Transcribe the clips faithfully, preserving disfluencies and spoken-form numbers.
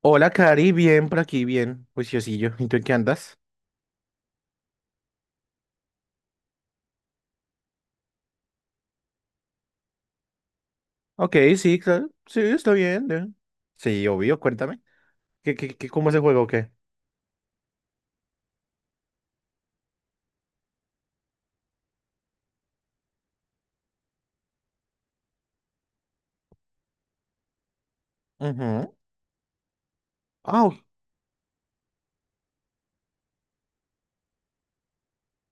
Hola, Cari, bien por aquí, bien, juiciosillo. ¿Y tú en qué andas? Ok, sí, claro. Sí, está bien. eh. Sí, obvio, cuéntame. ¿Qué, qué, qué, cómo es el juego o qué? Ujú. Ah, o-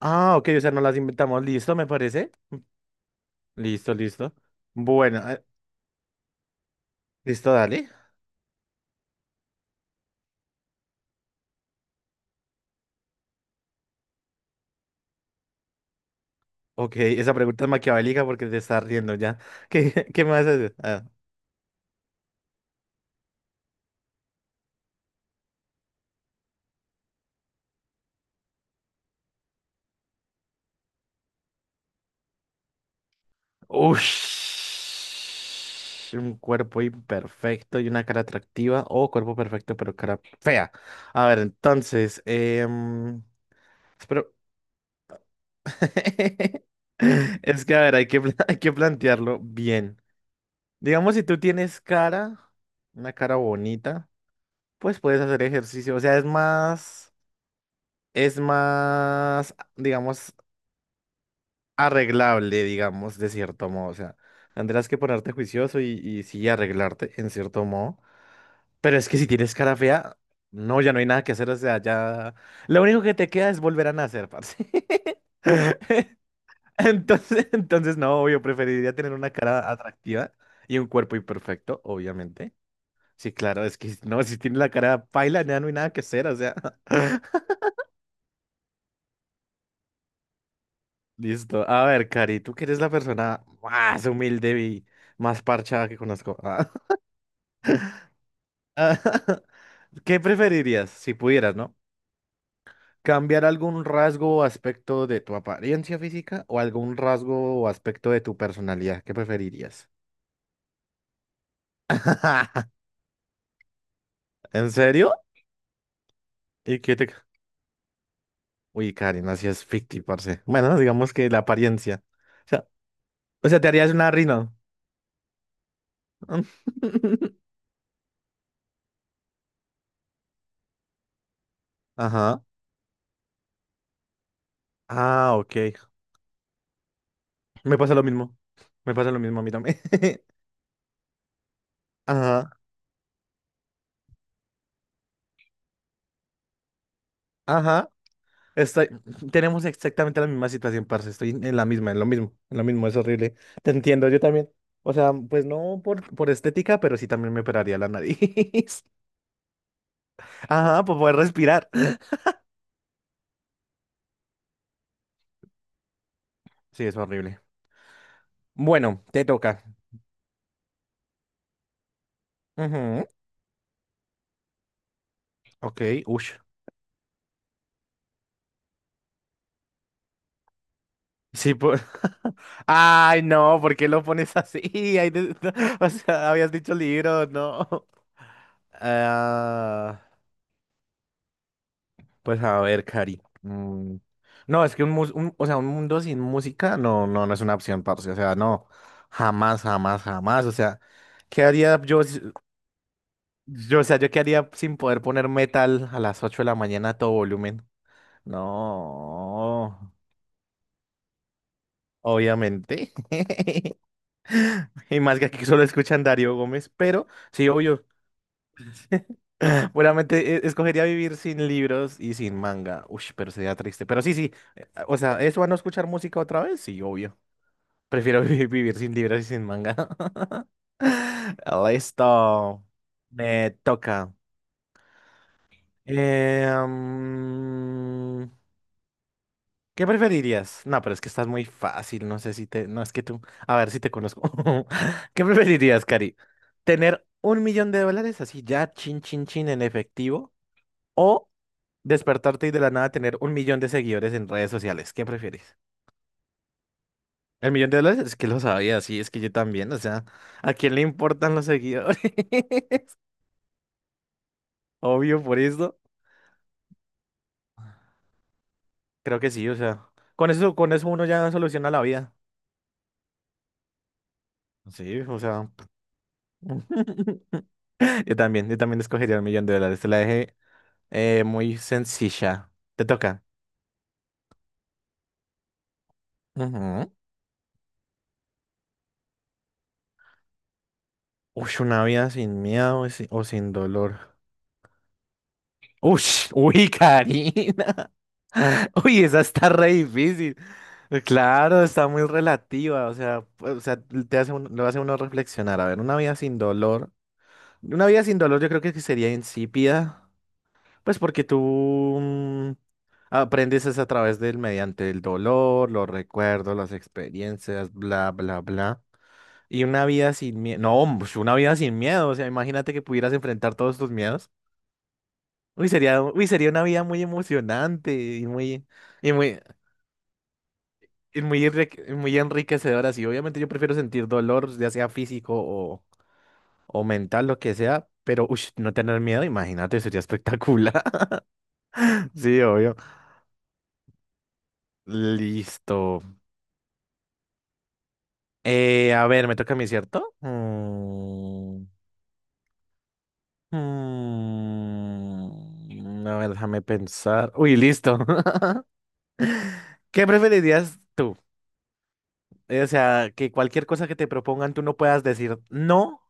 ah, ok, o sea, no las inventamos. Listo, me parece. Listo, listo. Bueno, eh, listo, dale. Ok, esa pregunta es maquiavélica porque te estás riendo ya. ¿Qué, qué me vas a hacer? Ah. Ush, un cuerpo imperfecto y una cara atractiva o cuerpo perfecto pero cara fea. A ver, entonces, em, espero. Es que, a ver, hay que, pla- hay que plantearlo bien. Digamos, si tú tienes cara, una cara bonita, pues puedes hacer ejercicio. O sea, es más, es más, digamos, arreglable, digamos, de cierto modo. O sea, tendrás que ponerte juicioso y, y sí arreglarte, en cierto modo. Pero es que si tienes cara fea, no, ya no hay nada que hacer, o sea, ya. Lo único que te queda es volver a nacer, parce. Entonces, entonces no, yo preferiría tener una cara atractiva y un cuerpo imperfecto, obviamente. Sí, claro, es que no, si tienes la cara paila, ya no hay nada que hacer, o sea. Listo. A ver, Cari, tú que eres la persona más humilde y más parchada que conozco. Ah. ¿Qué preferirías si pudieras, no, cambiar algún rasgo o aspecto de tu apariencia física o algún rasgo o aspecto de tu personalidad? ¿Qué preferirías? ¿En serio? ¿Y qué te? Uy, Karen, así es ficti, parce. Bueno, digamos que la apariencia. O sea, o sea, te harías una rino. Ajá. Ah, ok. Me pasa lo mismo. Me pasa lo mismo a mí también. Ajá. Ajá. Estoy- tenemos exactamente la misma situación, parce. Estoy en la misma, en lo mismo, en lo mismo, es horrible. Te entiendo, yo también. O sea, pues no por, por estética, pero sí también me operaría la nariz. Ajá, por poder respirar. Sí, es horrible. Bueno, te toca. Ujú. Ok, ush. Sí, por. Ay, no, ¿por qué lo pones así? Ay, de- O sea, habías dicho libro, no. Ah. Pues a ver, Cari. mm, No, es que un, mus- un- o sea, un mundo sin música no, no, no es una opción, parce. O sea, no. Jamás, jamás, jamás. O sea, ¿qué haría yo, si- yo, o sea, yo qué haría sin poder poner metal a las ocho de la mañana a todo volumen? No, obviamente. Y más que aquí solo escuchan Darío Gómez, pero sí, obvio. Seguramente eh, escogería vivir sin libros y sin manga. Uy, pero sería triste. Pero sí, sí. eh, ah, O sea, ¿eso a no escuchar música otra vez? Sí, obvio. Prefiero vivir, vivir sin libros y sin manga. Listo. Me toca. Eh, mm, ¿qué preferirías? No, pero es que estás muy fácil. No sé si te. No, es que tú. A ver si te conozco. ¿Qué preferirías, Cari? ¿Tener un millón de dólares así ya, chin, chin, chin, en efectivo? O despertarte y de la nada tener un millón de seguidores en redes sociales. ¿Qué prefieres? El millón de dólares es que lo sabía, sí, es que yo también. O sea, ¿a quién le importan los seguidores? Obvio, por esto. Creo que sí, o sea. Con eso, con eso uno ya soluciona la vida. Sí, o sea. Yo también, yo también escogería el millón de dólares. Te la dejé eh, muy sencilla. Te toca. Ujú. Uy, una vida sin miedo y sin- o sin dolor. Uy, uy, Karina. Uy, esa está re difícil. Claro, está muy relativa, o sea, pues, o sea, te hace un- lo hace uno reflexionar. A ver, una vida sin dolor. Una vida sin dolor yo creo que sería insípida, pues porque tú mm, aprendes es a través del, mediante el dolor, los recuerdos, las experiencias, bla, bla, bla. Y una vida sin miedo, no, pues, una vida sin miedo, o sea, imagínate que pudieras enfrentar todos tus miedos. Uy, sería, uy, sería una vida muy emocionante y muy. Y muy, es muy, enrique- es muy enriquecedoras y obviamente yo prefiero sentir dolor, ya sea físico o, o mental, lo que sea, pero ush, no tener miedo, imagínate, sería espectacular. Sí, obvio. Listo. Eh, a ver, me toca a mí, ¿cierto? Mm, mm, a ver, déjame pensar. Uy, listo. ¿Qué preferirías tú? Eh, O sea, que cualquier cosa que te propongan tú no puedas decir no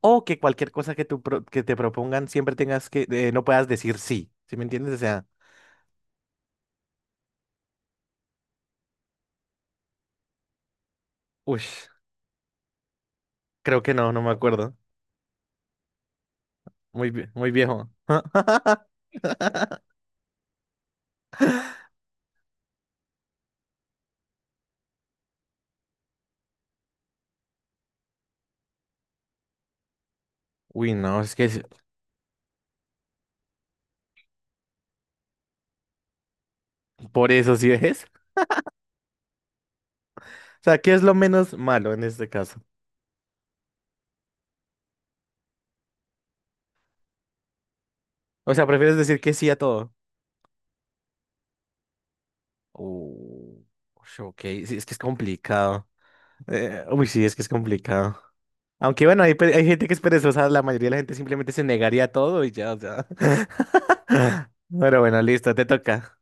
o que cualquier cosa que, tú pro- que te propongan siempre tengas que, eh, no puedas decir sí, ¿sí me entiendes? O sea, uy, creo que no, no me acuerdo. Muy, vie- muy viejo. Uy, no, es que es- por eso sí es. O sea, ¿qué es lo menos malo en este caso? O sea, ¿prefieres decir que sí a todo? Uh, ush, ok, sí, es que es complicado. Eh, uy, sí, es que es complicado. Aunque bueno, hay, pe- hay gente que es perezosa, la mayoría de la gente simplemente se negaría a todo y ya, o sea. Pero bueno, listo, te toca.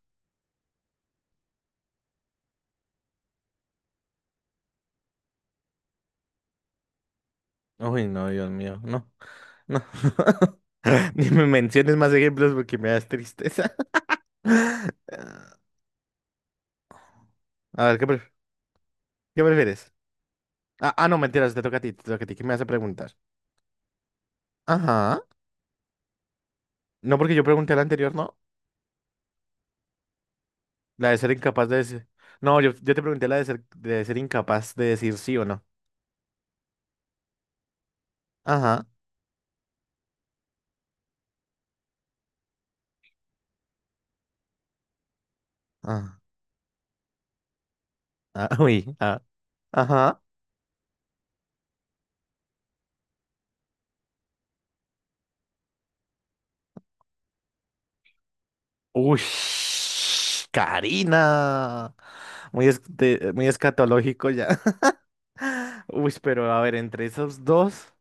Uy, no, Dios mío, no, no. Ni me menciones más ejemplos porque me das tristeza. A ver, ¿qué, pref- qué prefieres? Ah, ah, no, mentiras, te toca a ti, te toca a ti. ¿Qué me vas a preguntar? Ajá. No, porque yo pregunté la anterior, ¿no? La de ser incapaz de decir. No, yo, yo, te pregunté la de ser, de ser incapaz de decir sí o no. Ajá. Ah, ah, uy, ah, ajá. Uy, Karina. Muy, es- de- muy escatológico ya. Uy, pero a ver, entre esos dos,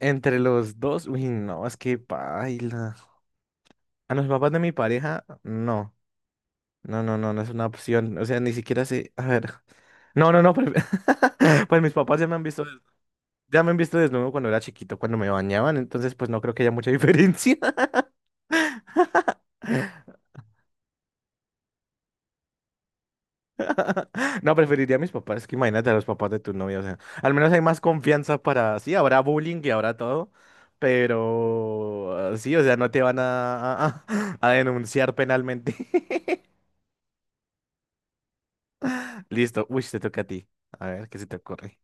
entre los dos, uy, no, es que paila. A los papás de mi pareja, no. No, no, no, no es una opción. O sea, ni siquiera sé. A ver. No, no, no. Pues, pues mis papás ya me han visto, des- ya me han visto desnudo cuando era chiquito, cuando me bañaban, entonces pues no creo que haya mucha diferencia. No, preferiría a mis papás, que imagínate a los papás de tu novia, o sea, al menos hay más confianza para, sí, habrá bullying y habrá todo, pero ah, sí, o sea, no te van a, a, a denunciar penalmente. Listo, uy, te toca a ti. A ver, ¿qué se te ocurre?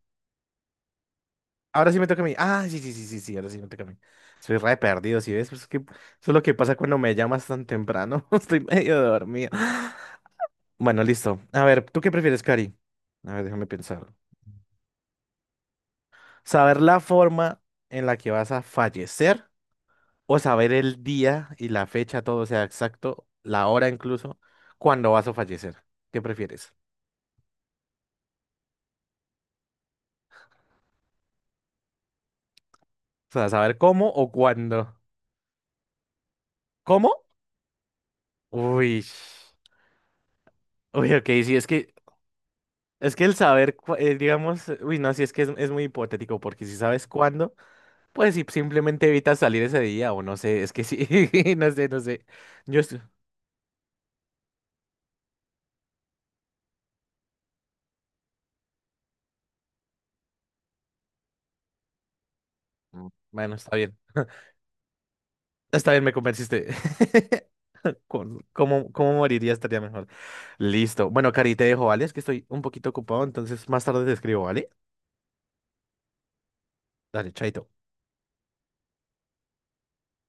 Ahora sí me toca a mí. Ah, sí, sí, sí, sí, sí, ahora sí me toca a mí. Soy re perdido, ¿sí ves? Pues es que eso es lo que pasa cuando me llamas tan temprano. Estoy medio dormido. Bueno, listo. A ver, ¿tú qué prefieres, Cari? A ver, déjame pensar. Saber la forma en la que vas a fallecer o saber el día y la fecha, todo, o sea, exacto, la hora incluso, cuando vas a fallecer. ¿Qué prefieres? O sea, saber cómo o cuándo. ¿Cómo? Uy. Uy, ok, sí, es que, es que el saber, cu- eh, digamos, uy, no, sí, es que es, es muy hipotético, porque si sabes cuándo, pues si simplemente evitas salir ese día, o no sé, es que sí, no sé, no sé. Yo estoy. mm, Bueno, está bien. Está bien, me convenciste. con- ¿Cómo, cómo moriría? Estaría mejor. Listo. Bueno, Cari, te dejo, ¿vale? Es que estoy un poquito ocupado, entonces más tarde te escribo, ¿vale? Dale, chaito.